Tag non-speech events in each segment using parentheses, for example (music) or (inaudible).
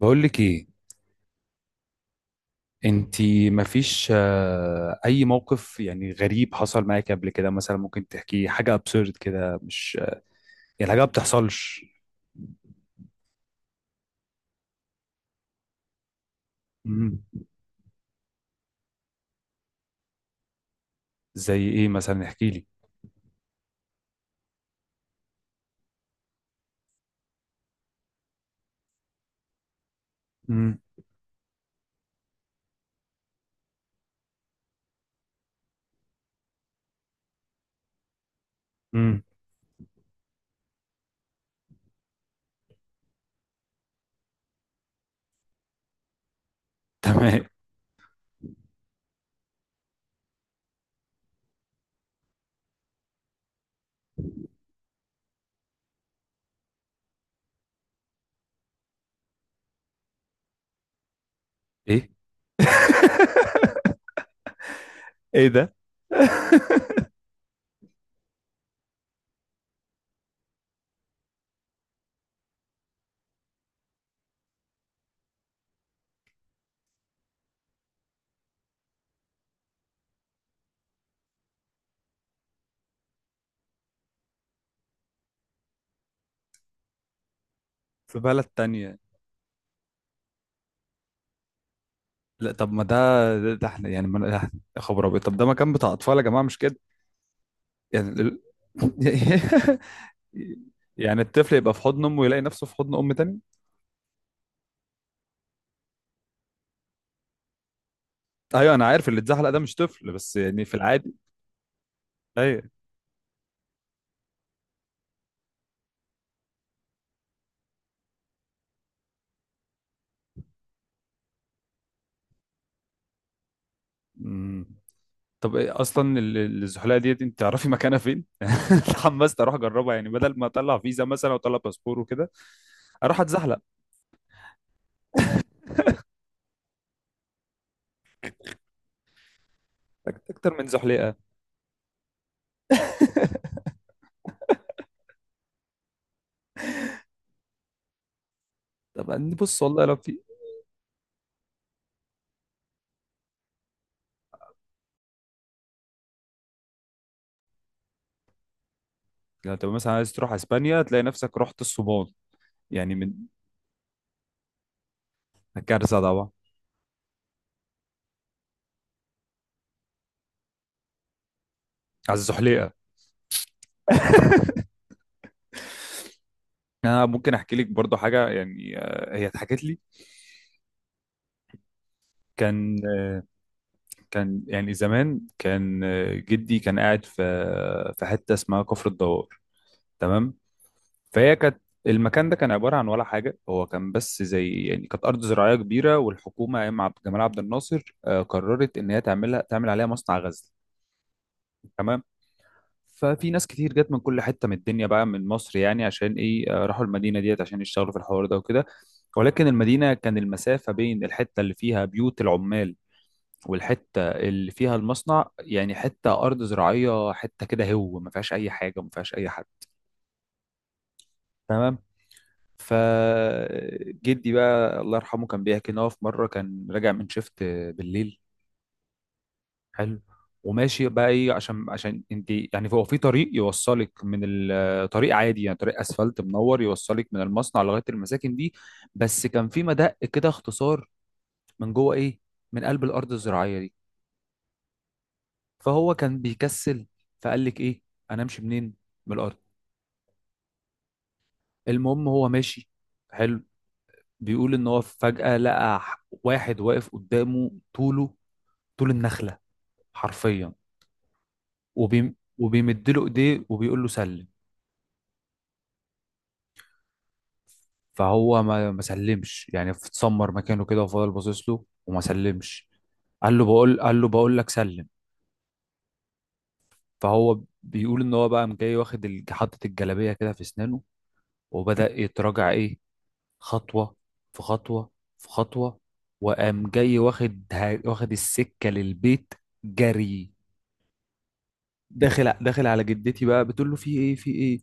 بقول لك ايه. انتي مفيش اي موقف يعني غريب حصل معاك قبل كده مثلا؟ ممكن تحكيه حاجه ابسورد كده مش يعني حاجه ما بتحصلش. مم. زي ايه مثلا، احكي لي. مم. مم. تمام. ايه! (laughs) ايه ده! (laughs) في بلد تانية؟ لا طب ما ده، ده احنا يعني ما ده- يا خبر ابيض! طب ده مكان بتاع اطفال يا جماعه مش كده؟ يعني (laughs) يعني الطفل يبقى في حضن امه ويلاقي نفسه في حضن ام تانية. ايوه انا عارف اللي اتزحلق ده مش طفل، بس يعني في العادي. ايوه. أمم. طب ايه اصلا الزحلقه ديت انت تعرفي مكانها فين؟ (laughs) اتحمست اروح اجربها، يعني بدل ما اطلع فيزا مثلا واطلع باسبور وكده اروح اتزحلق. اكتر من زحلقه؟ (laughs) طب بص، والله لو في، لو تبقى مثلا عايز تروح اسبانيا تلاقي نفسك رحت الصومال يعني، من... الكارثه طبعا. على الزحليقه! (laughs) انا ممكن احكي لك برضو حاجه يعني، هي اتحكت لي. كان، يعني زمان، كان جدي كان قاعد في حته اسمها كفر الدوار. تمام. فهي كانت، المكان ده كان عباره عن ولا حاجه، هو كان بس زي يعني كانت ارض زراعيه كبيره، والحكومه ايام عبد جمال عبد الناصر قررت ان هي تعملها، تعمل عليها مصنع غزل. تمام. ففي ناس كتير جت من كل حته من الدنيا بقى، من مصر يعني، عشان ايه، راحوا المدينه ديت عشان يشتغلوا في الحوار ده وكده. ولكن المدينه كان المسافه بين الحته اللي فيها بيوت العمال والحته اللي فيها المصنع يعني حته ارض زراعيه، حته كده هو ما فيهاش اي حاجه، ما فيهاش اي حد. تمام. فجدي بقى الله يرحمه كان بيحكي ان هو في مره كان راجع من شيفت بالليل. حلو. وماشي بقى، ايه، عشان انت يعني هو في طريق يوصلك من طريق عادي يعني، طريق اسفلت منور يوصلك من المصنع لغايه المساكن دي. بس كان في مدق كده اختصار، من جوه ايه، من قلب الارض الزراعيه دي. فهو كان بيكسل. فقال لك ايه، انا امشي منين؟ من الارض. المهم هو ماشي. حلو. بيقول ان هو فجأة لقى واحد واقف قدامه، طوله طول النخلة حرفيا. وبيم، وبيمد له ايديه وبيقول له سلم. فهو ما سلمش، يعني اتسمر مكانه كده وفضل باصص له وما سلمش. قال له بقول لك سلم. فهو بيقول ان هو بقى قام جاي واخد حاطط الجلابيه كده في اسنانه. وبدأ يتراجع ايه، خطوة في خطوة في خطوة. وقام جاي واخد السكة للبيت جري. داخل على جدتي بقى، بتقول له في ايه، في ايه؟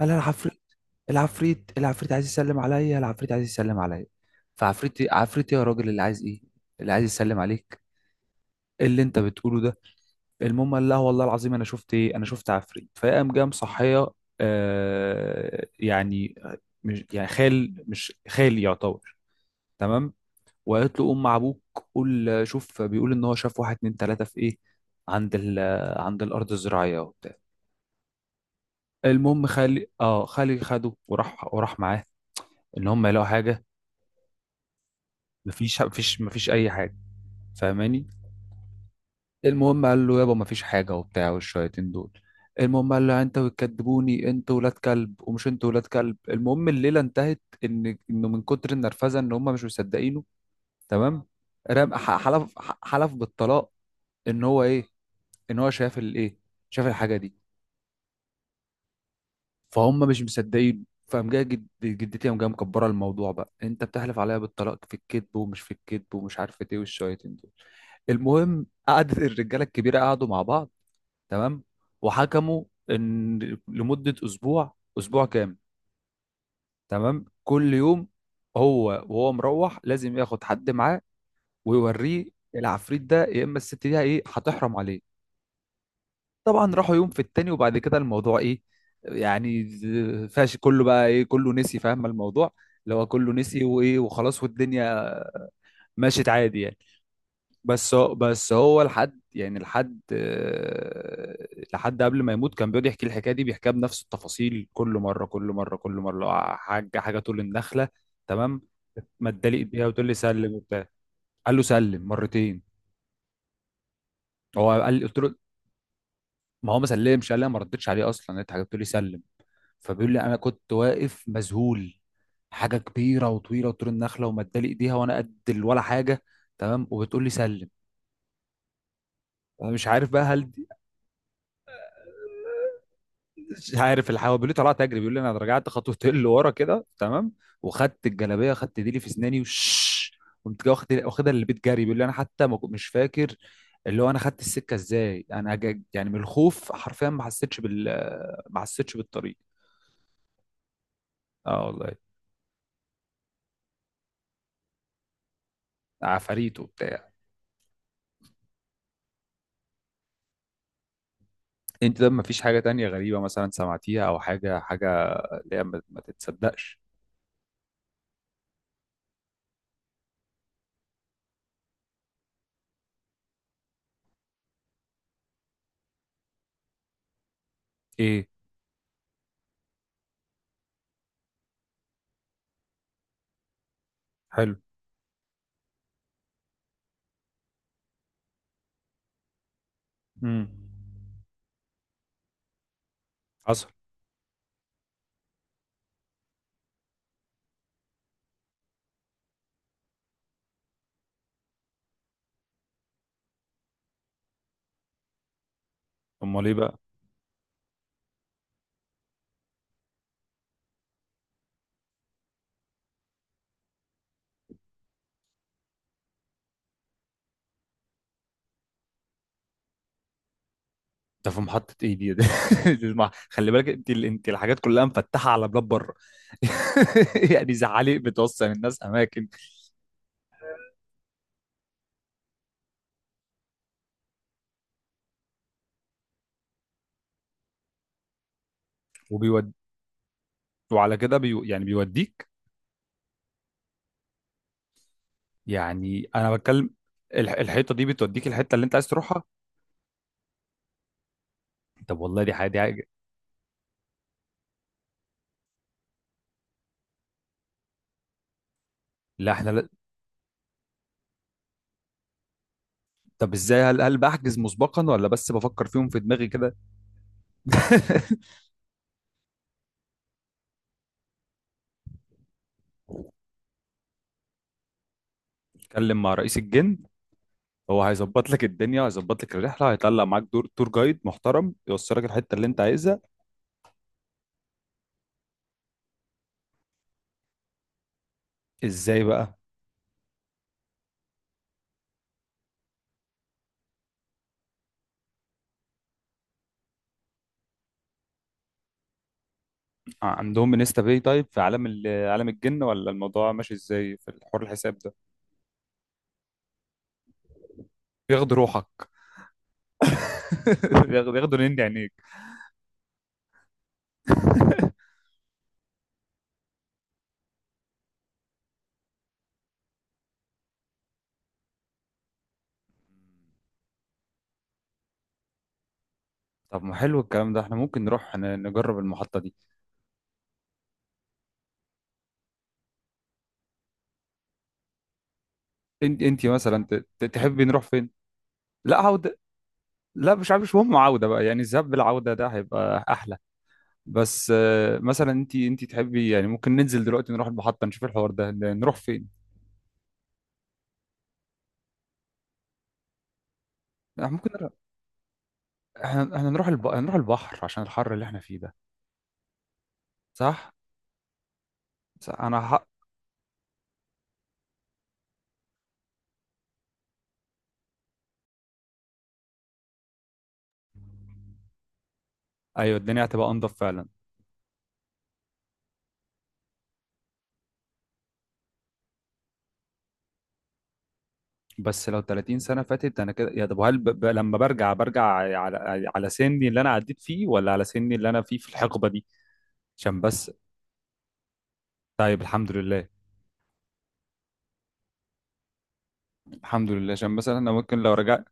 قال لها العفريت، العفريت، العفريت عايز يسلم عليا، العفريت عايز يسلم عليا. عفريت إيه يا راجل، اللي عايز ايه، اللي عايز يسلم عليك؟ إيه اللي انت بتقوله ده؟ المهم قال لها والله العظيم انا شفت ايه، انا شفت عفريت. فقام جاي مصحيه، يعني، مش يعني خال مش خالي يعتبر. تمام. وقالت له قوم مع ابوك قول، شوف بيقول ان هو شاف واحد اتنين تلاته في ايه، عند ال عند الارض الزراعيه وبتاع. المهم خالي، خالي خده، وراح معاه. ان هم يلاقوا حاجه. مفيش اي حاجه. فاهماني؟ المهم قال له يابا مفيش حاجه وبتاع، والشياطين دول. المهم قال له انت بتكدبوني انت ولاد كلب ومش انت ولاد كلب، المهم الليله انتهت انه من كتر النرفزه ان هم مش مصدقينه. تمام. رام حلف بالطلاق. ان هو ايه، ان هو شاف الايه، شاف الحاجه دي. فهم مش مصدقين. فقام جايه جدتي، قام جايه مكبره الموضوع بقى، انت بتحلف عليا بالطلاق في الكذب ومش في الكذب ومش عارفه ايه والشويتين دول. المهم قعدت الرجاله الكبيره، قعدوا مع بعض. تمام. وحكموا ان، لمده اسبوع، اسبوع كامل. تمام. كل يوم هو وهو مروح لازم ياخد حد معاه، ويوريه العفريت ده يا اما الست دي ايه هتحرم عليه. طبعا راحوا يوم في التاني وبعد كده الموضوع ايه، يعني فاش كله بقى، ايه، كله نسي فاهم الموضوع، اللي هو كله نسي، وايه وخلاص، والدنيا مشيت عادي يعني. بس هو لحد يعني، لحد لحد قبل ما يموت كان بيقعد يحكي الحكايه دي، بيحكيها بنفس التفاصيل، كل مره كل مره كل مره لو حاجه، حاجه تقول النخله. تمام. ما ادالي ايديها وتقول لي سلم وبتاع. قال له سلم مرتين. هو قال، قلت له، ما هو ما سلمش، قال لي أنا ما ردتش عليه اصلا، انت قلت لي سلم. فبيقول لي انا كنت واقف مذهول. حاجه كبيره وطويله وطول النخله، ومدالي ايديها وانا قد ولا حاجه. تمام، وبتقول لي سلم. انا مش عارف بقى (laughs) مش عارف الحوا. بيقول لي طلعت اجري، بيقول لي انا رجعت خطوتين لورا (laughs) كده تمام. وخدت الجلابيه، خدت ديلي في اسناني وش. قمت جاي واخد واخدها للبيت جري. بيقول لي انا حتى ما كنت- مش فاكر اللي هو انا خدت السكه ازاي. انا يعني من الخوف حرفيا ما حسيتش بالطريق. اه والله، عفاريت وبتاع. انت ده مفيش حاجة تانية غريبة مثلا سمعتيها، او حاجة، حاجة اللي هي ما تتصدقش؟ ايه، حلو. امم، حصل. امال ايه بقى؟ ده في محطة ايه دي! (laughs) ده اسمع، خلي بالك انت انت الحاجات كلها مفتحة على بلاد بره. (laughs) يعني زعالي بتوصل الناس اماكن. وبيود، وعلى كده يعني بيوديك. يعني انا بتكلم، الحيطة دي بتوديك الحتة اللي انت عايز تروحها. طب والله دي حاجة، دي حاجة! لا احنا لا... طب ازاي، هل بحجز مسبقا ولا بس بفكر فيهم في دماغي كده؟ (laughs) اتكلم مع رئيس الجن، هو هيظبط لك الدنيا، هيظبط لك الرحله، هيطلع معاك دور تور جايد محترم يوصلك الحته اللي انت عايزها. ازاي بقى؟ عندهم انستا باي تايب في عالم عالم الجن، ولا الموضوع ماشي ازاي في الحوار الحساب ده؟ بياخدوا روحك. (laughs) بياخدوا نني عينيك. طب ما حلو الكلام ده. احنا ممكن نروح نجرب المحطة دي. انت مثلا تحبي نروح فين؟ لا عودة. لا مش عارف، مش مهم عودة بقى، يعني الذهاب بالعودة ده هيبقى احلى. بس مثلا انت تحبي يعني، ممكن ننزل دلوقتي نروح المحطة نشوف الحوار ده، نروح فين؟ يعني ممكن نروح، احنا نروح نروح البحر عشان الحر اللي احنا فيه ده. صح. صح انا حق. ايوه الدنيا هتبقى انضف فعلا. بس لو 30 سنة فاتت انا كده، يا طب هل لما برجع، على سني اللي انا عديت فيه، ولا على سني اللي انا فيه في الحقبة دي؟ عشان بس. طيب الحمد لله. الحمد لله. عشان مثلا انا ممكن لو رجعت،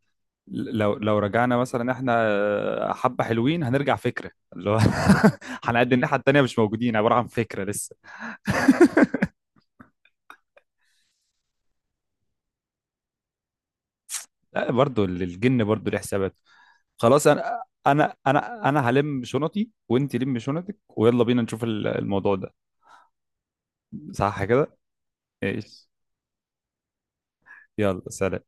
لو رجعنا مثلا احنا، حبة حلوين هنرجع، فكرة اللي هو (laughs) هنقد الناحية التانية مش موجودين، عبارة عن فكرة لسه. لا برضه الجن برضه ليه حسابات. خلاص انا، انا هلم شنطي وانت لم شنطك، ويلا بينا نشوف الموضوع ده. صح كده. ايش. يلا سلام.